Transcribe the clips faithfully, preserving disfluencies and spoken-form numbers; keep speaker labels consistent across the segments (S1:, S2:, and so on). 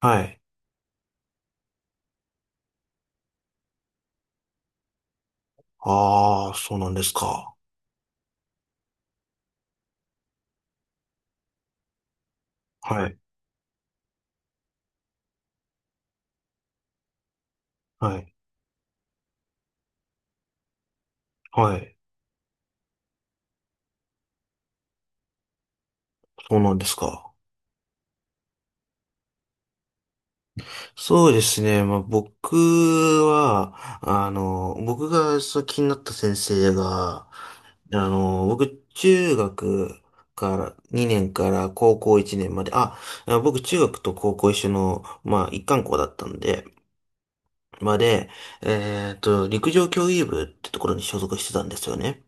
S1: はい。ああ、そうなんですか。はい。はい。はい。そうなんですか。そうですね。まあ、僕は、あの、僕がそう気になった先生が、あの、僕、中学からにねんから高校いちねんまで、あ、僕、中学と高校一緒の、まあ、一貫校だったんで、まで、えっと、陸上競技部ってところに所属してたんですよね。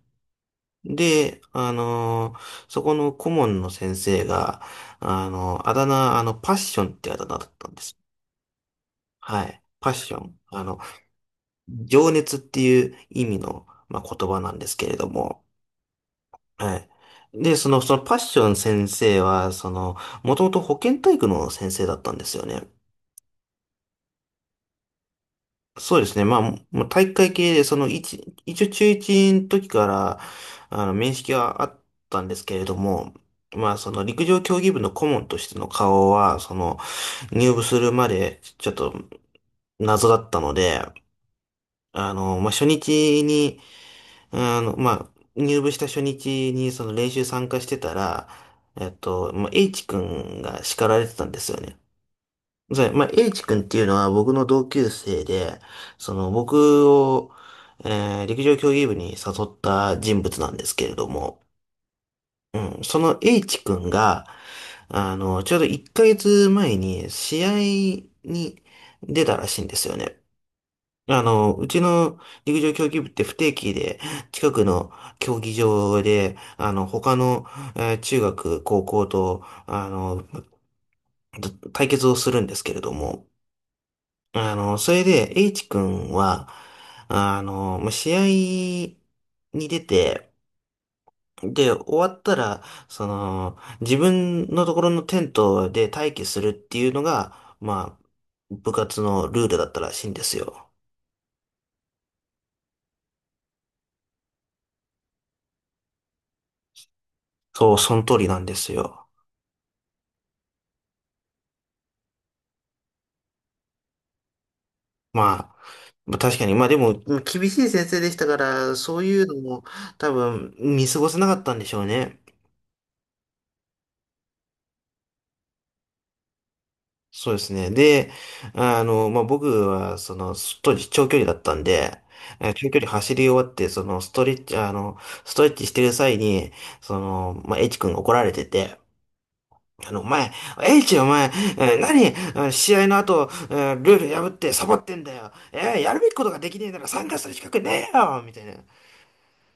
S1: で、あのーそこの顧問の先生が、あのーあだ名、あの、パッションってあだ名だったんです。はい。パッション。あの、情熱っていう意味の、まあ、言葉なんですけれども、はい。で、その、そのパッション先生は、その、もともと保健体育の先生だったんですよね。そうですね。まあ、もう体育会系で、その一、一応中一の時から、あの、面識はあったんですけれども、まあ、その陸上競技部の顧問としての顔は、その、入部するまで、ちょっと謎だったので、あの、まあ、初日に、あの、まあ、入部した初日に、その練習参加してたら、えっと、まあ、H 君が叱られてたんですよね。じゃあ、まあ、H 君っていうのは僕の同級生で、その僕を、えー陸上競技部に誘った人物なんですけれども、うん、その H 君が、あの、ちょうどいっかげつまえに試合に出たらしいんですよね。あの、うちの陸上競技部って不定期で近くの競技場で、あの、他の、えー中学、高校と、あの、対決をするんですけれども、あの、それで、H 君は、あの、まあ試合に出て、で、終わったら、その、自分のところのテントで待機するっていうのが、まあ、部活のルールだったらしいんですよ。そう、その通りなんですよ。まあ、まあ確かに、まあでも、厳しい先生でしたから、そういうのも多分見過ごせなかったんでしょうね。そうですね。で、あの、まあ、僕は、その、す当時長距離だったんで、えー長距離走り終わって、その、ストレッチ、あの、ストレッチしてる際に、その、まあ、H 君が怒られてて、あの、お前、H お前、えー何、えー試合の後、えールール破ってサボってんだよ。えーやるべきことができねえなら参加する資格ねえよみたいな。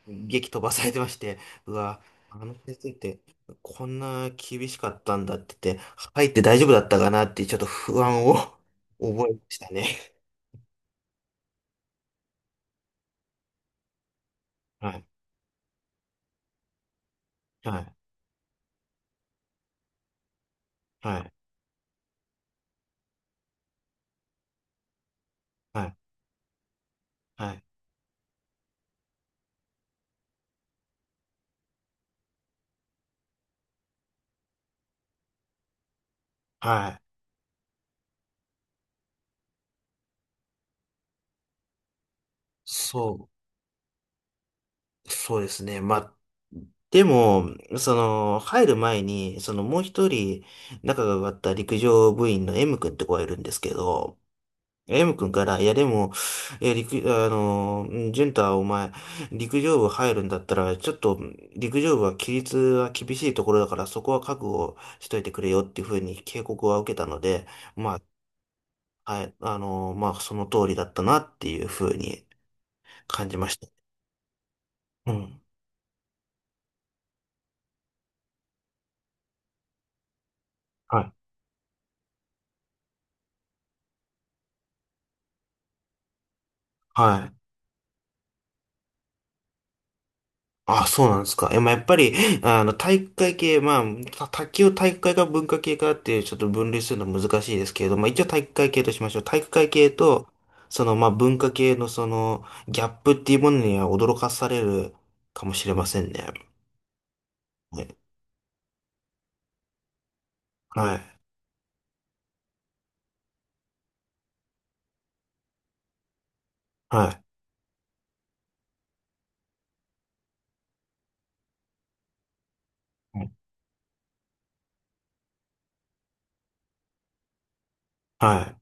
S1: 激飛ばされてまして、うわ、あの先生ってこんな厳しかったんだって言って、入って大丈夫だったかなってちょっと不安を 覚えましたね。はい、はい、はい、はい、はい、はい。そう、そうですね。まあ、でも、その、入る前に、そのもう一人仲が良かった陸上部員の M 君って子がいるんですけど、M 君から、いやでも、えー、陸、あのー、うん、淳太お前、陸上部入るんだったら、ちょっと、陸上部は規律は厳しいところだから、そこは覚悟しといてくれよっていうふうに警告は受けたので、まあ、はい、あのまあ、その通りだったなっていうふうに感じました。うん。はい。はい。あ、そうなんですか。え、まあ、やっぱり、あの、体育会系、まあ、た卓球を体育会か文化系かっていうちょっと分類するの難しいですけれど、まあ、一応体育会系としましょう。体育会系と、その、まあ、文化系のその、ギャップっていうものには驚かされるかもしれませんね。ね、はい。はい。はい。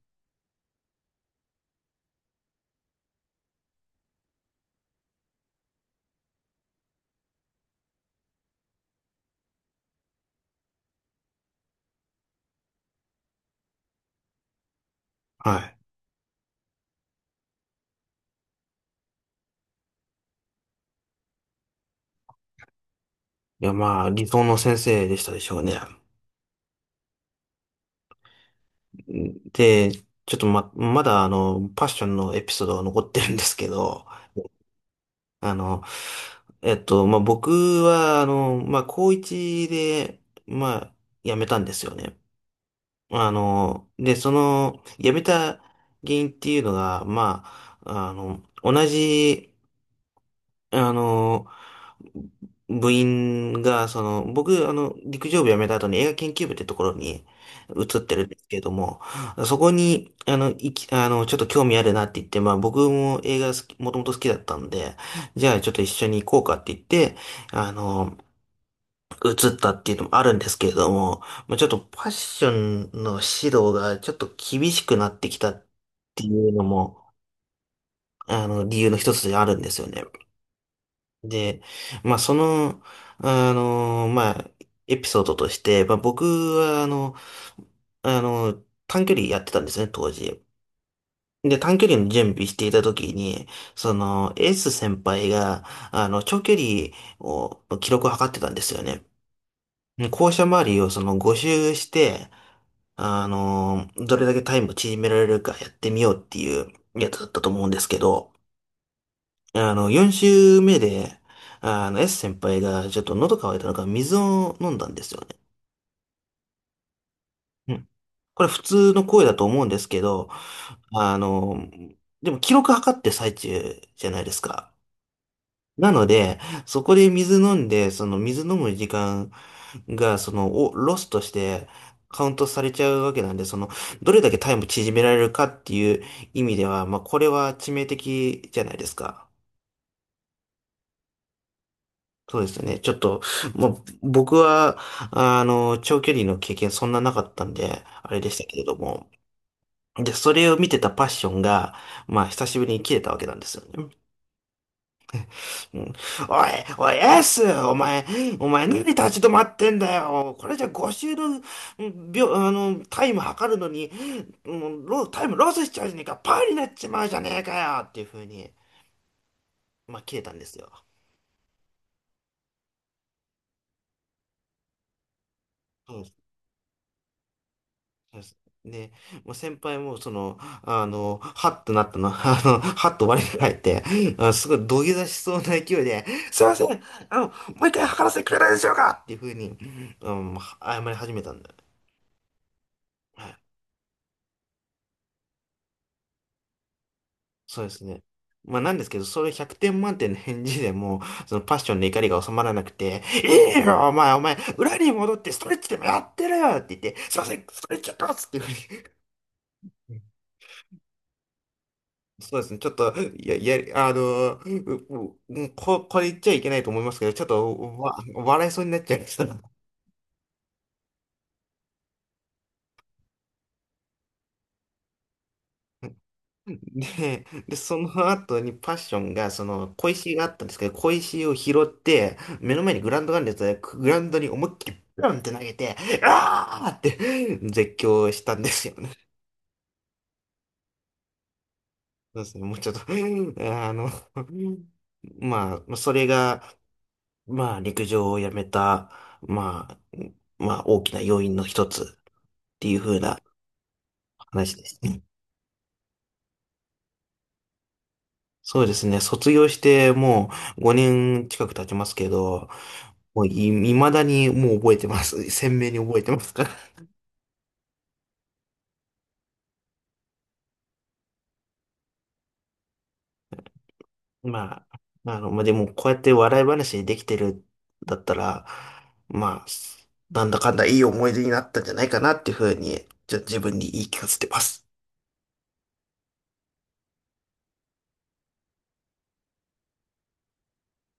S1: はい。いや、まあ、理想の先生でしたでしょうね。で、ちょっとま、まだあの、パッションのエピソードが残ってるんですけど、あの、えっと、まあ、僕は、あの、まあ、高一で、まあ、辞めたんですよね。あの、で、その、辞めた原因っていうのが、まあ、あの、同じ、あの、部員が、その、僕、あの、陸上部辞めた後に映画研究部ってところに移ってるんですけれども、そこに、あの、いき、あの、ちょっと興味あるなって言って、まあ僕も映画好き、もともと好きだったんで、じゃあちょっと一緒に行こうかって言って、あの、移ったっていうのもあるんですけれども、まあちょっとファッションの指導がちょっと厳しくなってきたっていうのも、あの、理由の一つであるんですよね。で、まあ、その、あの、まあ、エピソードとして、まあ、僕は、あの、あの、短距離やってたんですね、当時。で、短距離の準備していた時に、その、エース先輩が、あの、長距離を、記録を測ってたんですよね。で、校舎周りをそのご周して、あの、どれだけタイムを縮められるかやってみようっていうやつだったと思うんですけど、あの、よん週目で、あの、S 先輩がちょっと喉乾いたのか水を飲んだんですよね。うん。これ普通の声だと思うんですけど、あの、でも記録測ってる最中じゃないですか。なので、そこで水飲んで、その水飲む時間が、その、をロスとしてカウントされちゃうわけなんで、その、どれだけタイム縮められるかっていう意味では、まあ、これは致命的じゃないですか。そうですね。ちょっと、もう、僕は、あの、長距離の経験そんななかったんで、あれでしたけれども。で、それを見てたパッションが、まあ、久しぶりに切れたわけなんですよね。うん、おい、おい、エースお前、お前何立ち止まってんだよ。これじゃご周の、うん秒、あの、タイム測るのに、もうロタイムロスしちゃうじゃねえか、パーになっちまうじゃねえかよっていう風に、まあ、切れたんですよ。そうですね。もう先輩も、その、あの、はっとなったの、あの、はっと我に返って、あ、すごい土下座しそうな勢いで、すいません、あの、もう一回測らせてくれないでしょうかっていうふうに、うん、謝り始めたんだよ。はい。そうですね。まあなんですけど、それひゃくてん満点の返事でもそのパッションの怒りが収まらなくて、いいよ、お前、お前、裏に戻ってストレッチでもやってるよって言って、すいません、ストレッチやってますっていうふうに。そうですね。ちょっと、いや、いや、あの、うううんこ、これ言っちゃいけないと思いますけど、ちょっとわ、笑いそうになっちゃいました。で、で、その後にパッションが、その、小石があったんですけど、小石を拾って、目の前にグラウンドがあるんですが、グラウンドに思いっきりブンって投げて、あーって絶叫したんですよね。そうですね。もうちょっと、あの、まあ、それが、まあ、陸上をやめた、まあ、まあ、大きな要因の一つ。っていう風な話ですね。そうですね。卒業してもうごねん近く経ちますけど、もうい、未だにもう覚えてます。鮮明に覚えてますから。まあ、あの、まあ、でもこうやって笑い話にできてるだったら、まあ、なんだかんだいい思い出になったんじゃないかなっていうふうに、じゃあ自分に言い聞かせてます。